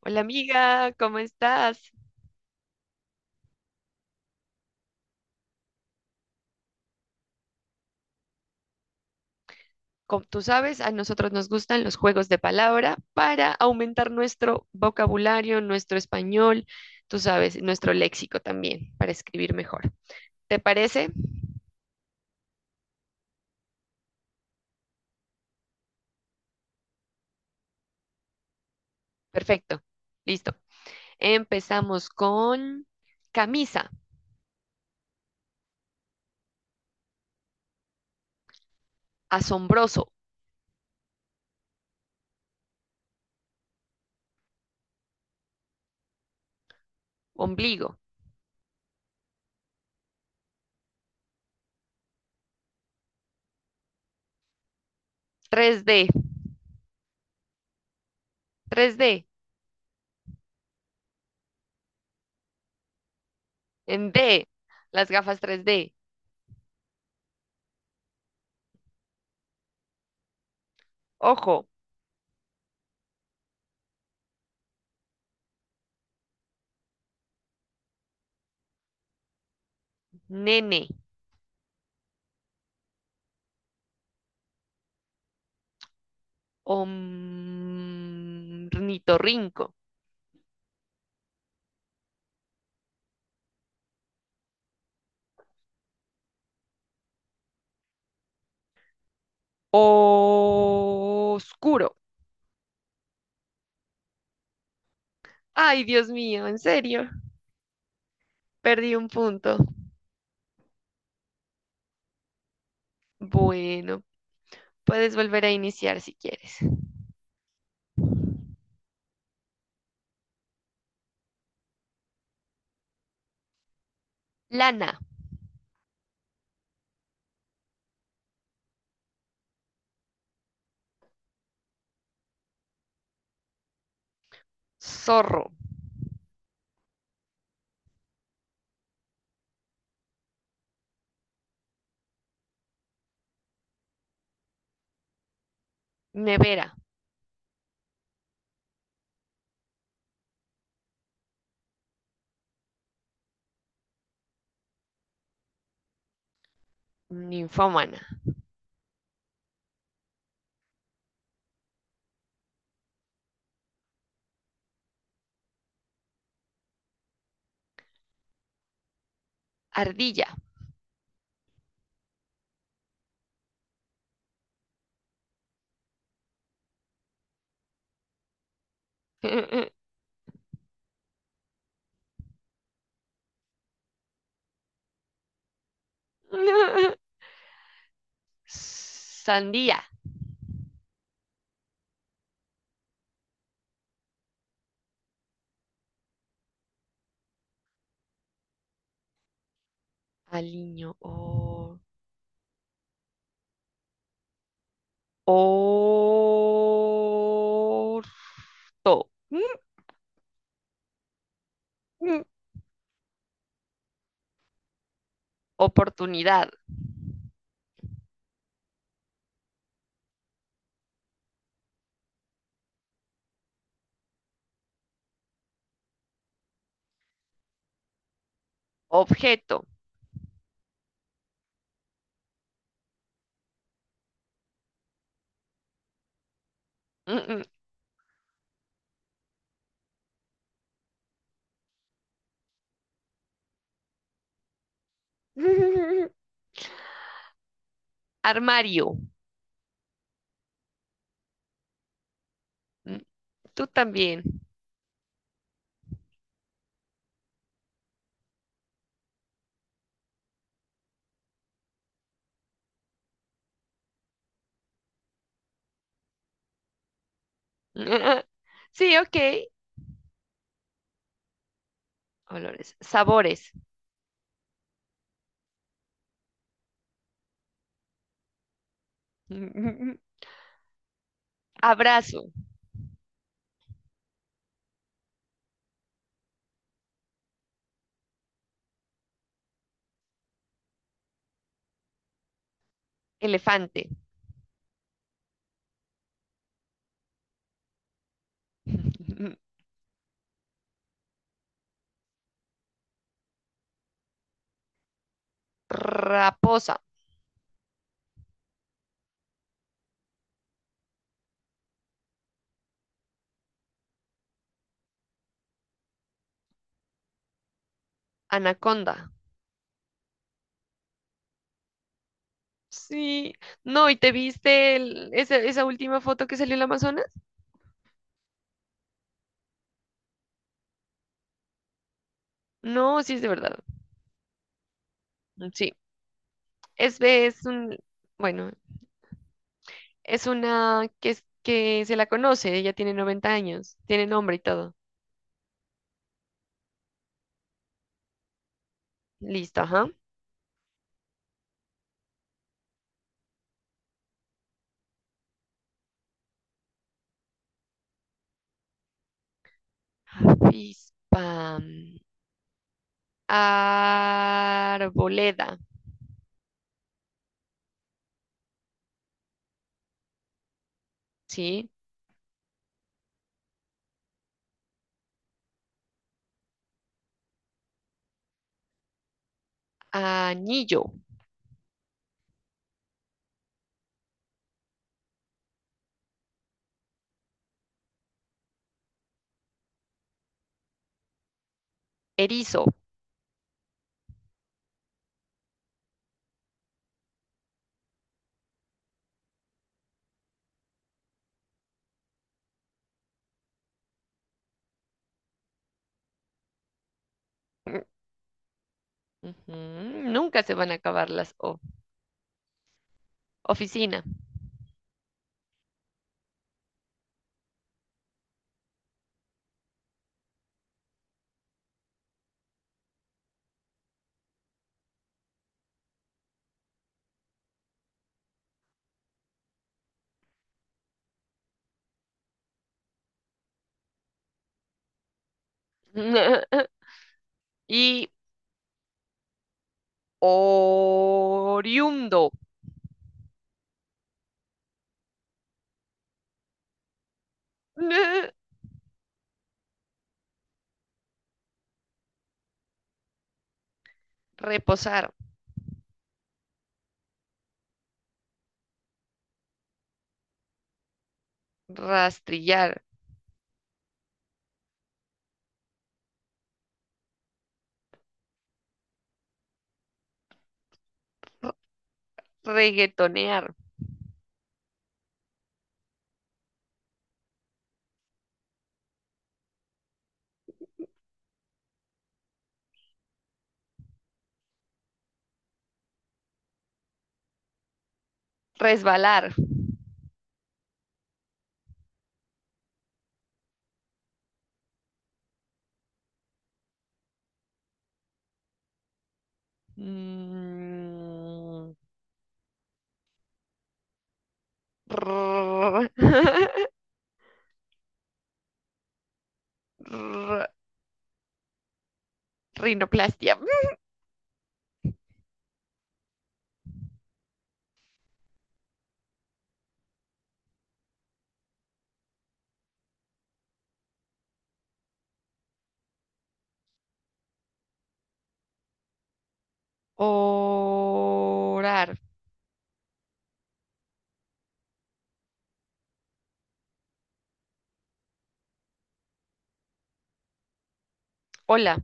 Hola amiga, ¿cómo estás? Como tú sabes, a nosotros nos gustan los juegos de palabra para aumentar nuestro vocabulario, nuestro español, tú sabes, nuestro léxico también, para escribir mejor. ¿Te parece? Perfecto. Listo. Empezamos con camisa, asombroso, ombligo, 3D, 3D, en D, las gafas 3D, ojo, nene, ornitorrinco. Oscuro. Ay, Dios mío, en serio. Perdí un punto. Bueno, puedes volver a iniciar si quieres. Lana, zorro, nevera, ninfómana, ardilla, sandía, aliño, orto, mm, oportunidad, objeto. Armario. Mm. Tú también. Sí, ok. Olores. Sabores. Abrazo. Elefante. Raposa. Anaconda. Sí. No, ¿y te viste esa, esa última foto que salió en el Amazonas? No, sí es de verdad. Mm. Sí. Es un, bueno, es una que, es- Que se la conoce. Ella tiene 90 años. Tiene nombre y todo. Listo, ajá. Avispa. Arboleda, ¿sí? Anillo, erizo. Ujú. Nunca se van a acabar las O. Oficina. Y oriundo. Reposar, rastrillar, r- reguetonear, resbalar. Mm, rrr, rr, Rinoplastia. Orar. Hola.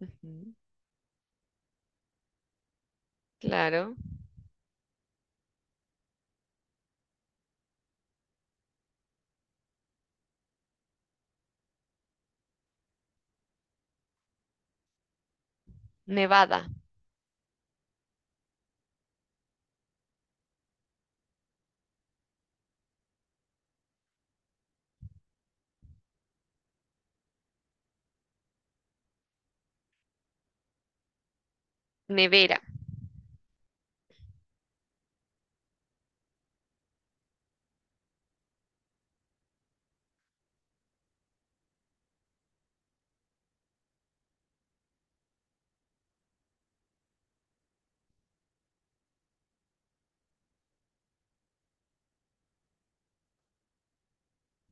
Ujú. Claro. Nevada, nevera.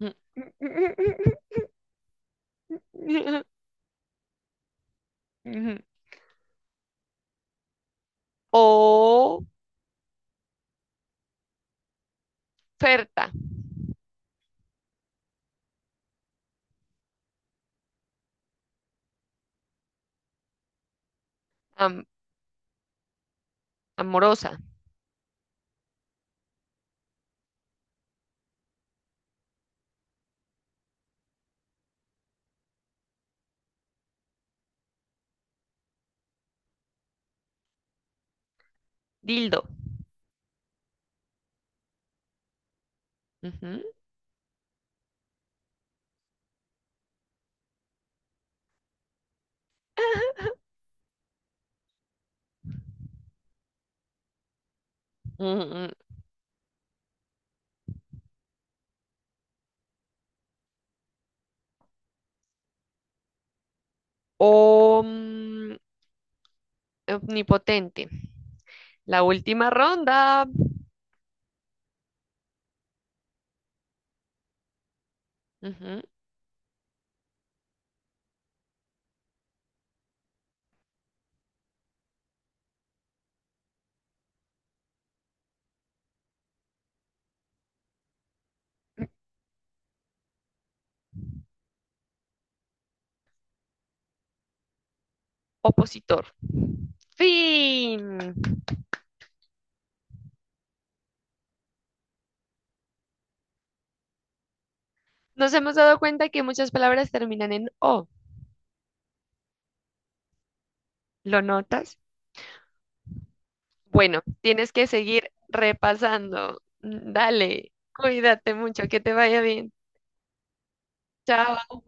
Ujú. Oferta, am- amorosa, dildo. Ujú. Ujú. O mm, omnipotente. La última ronda. Ujú. Opositor. Fin. Nos hemos dado cuenta que muchas palabras terminan en O. ¿Lo notas? Bueno, tienes que seguir repasando. Dale, cuídate mucho, que te vaya bien. Chao.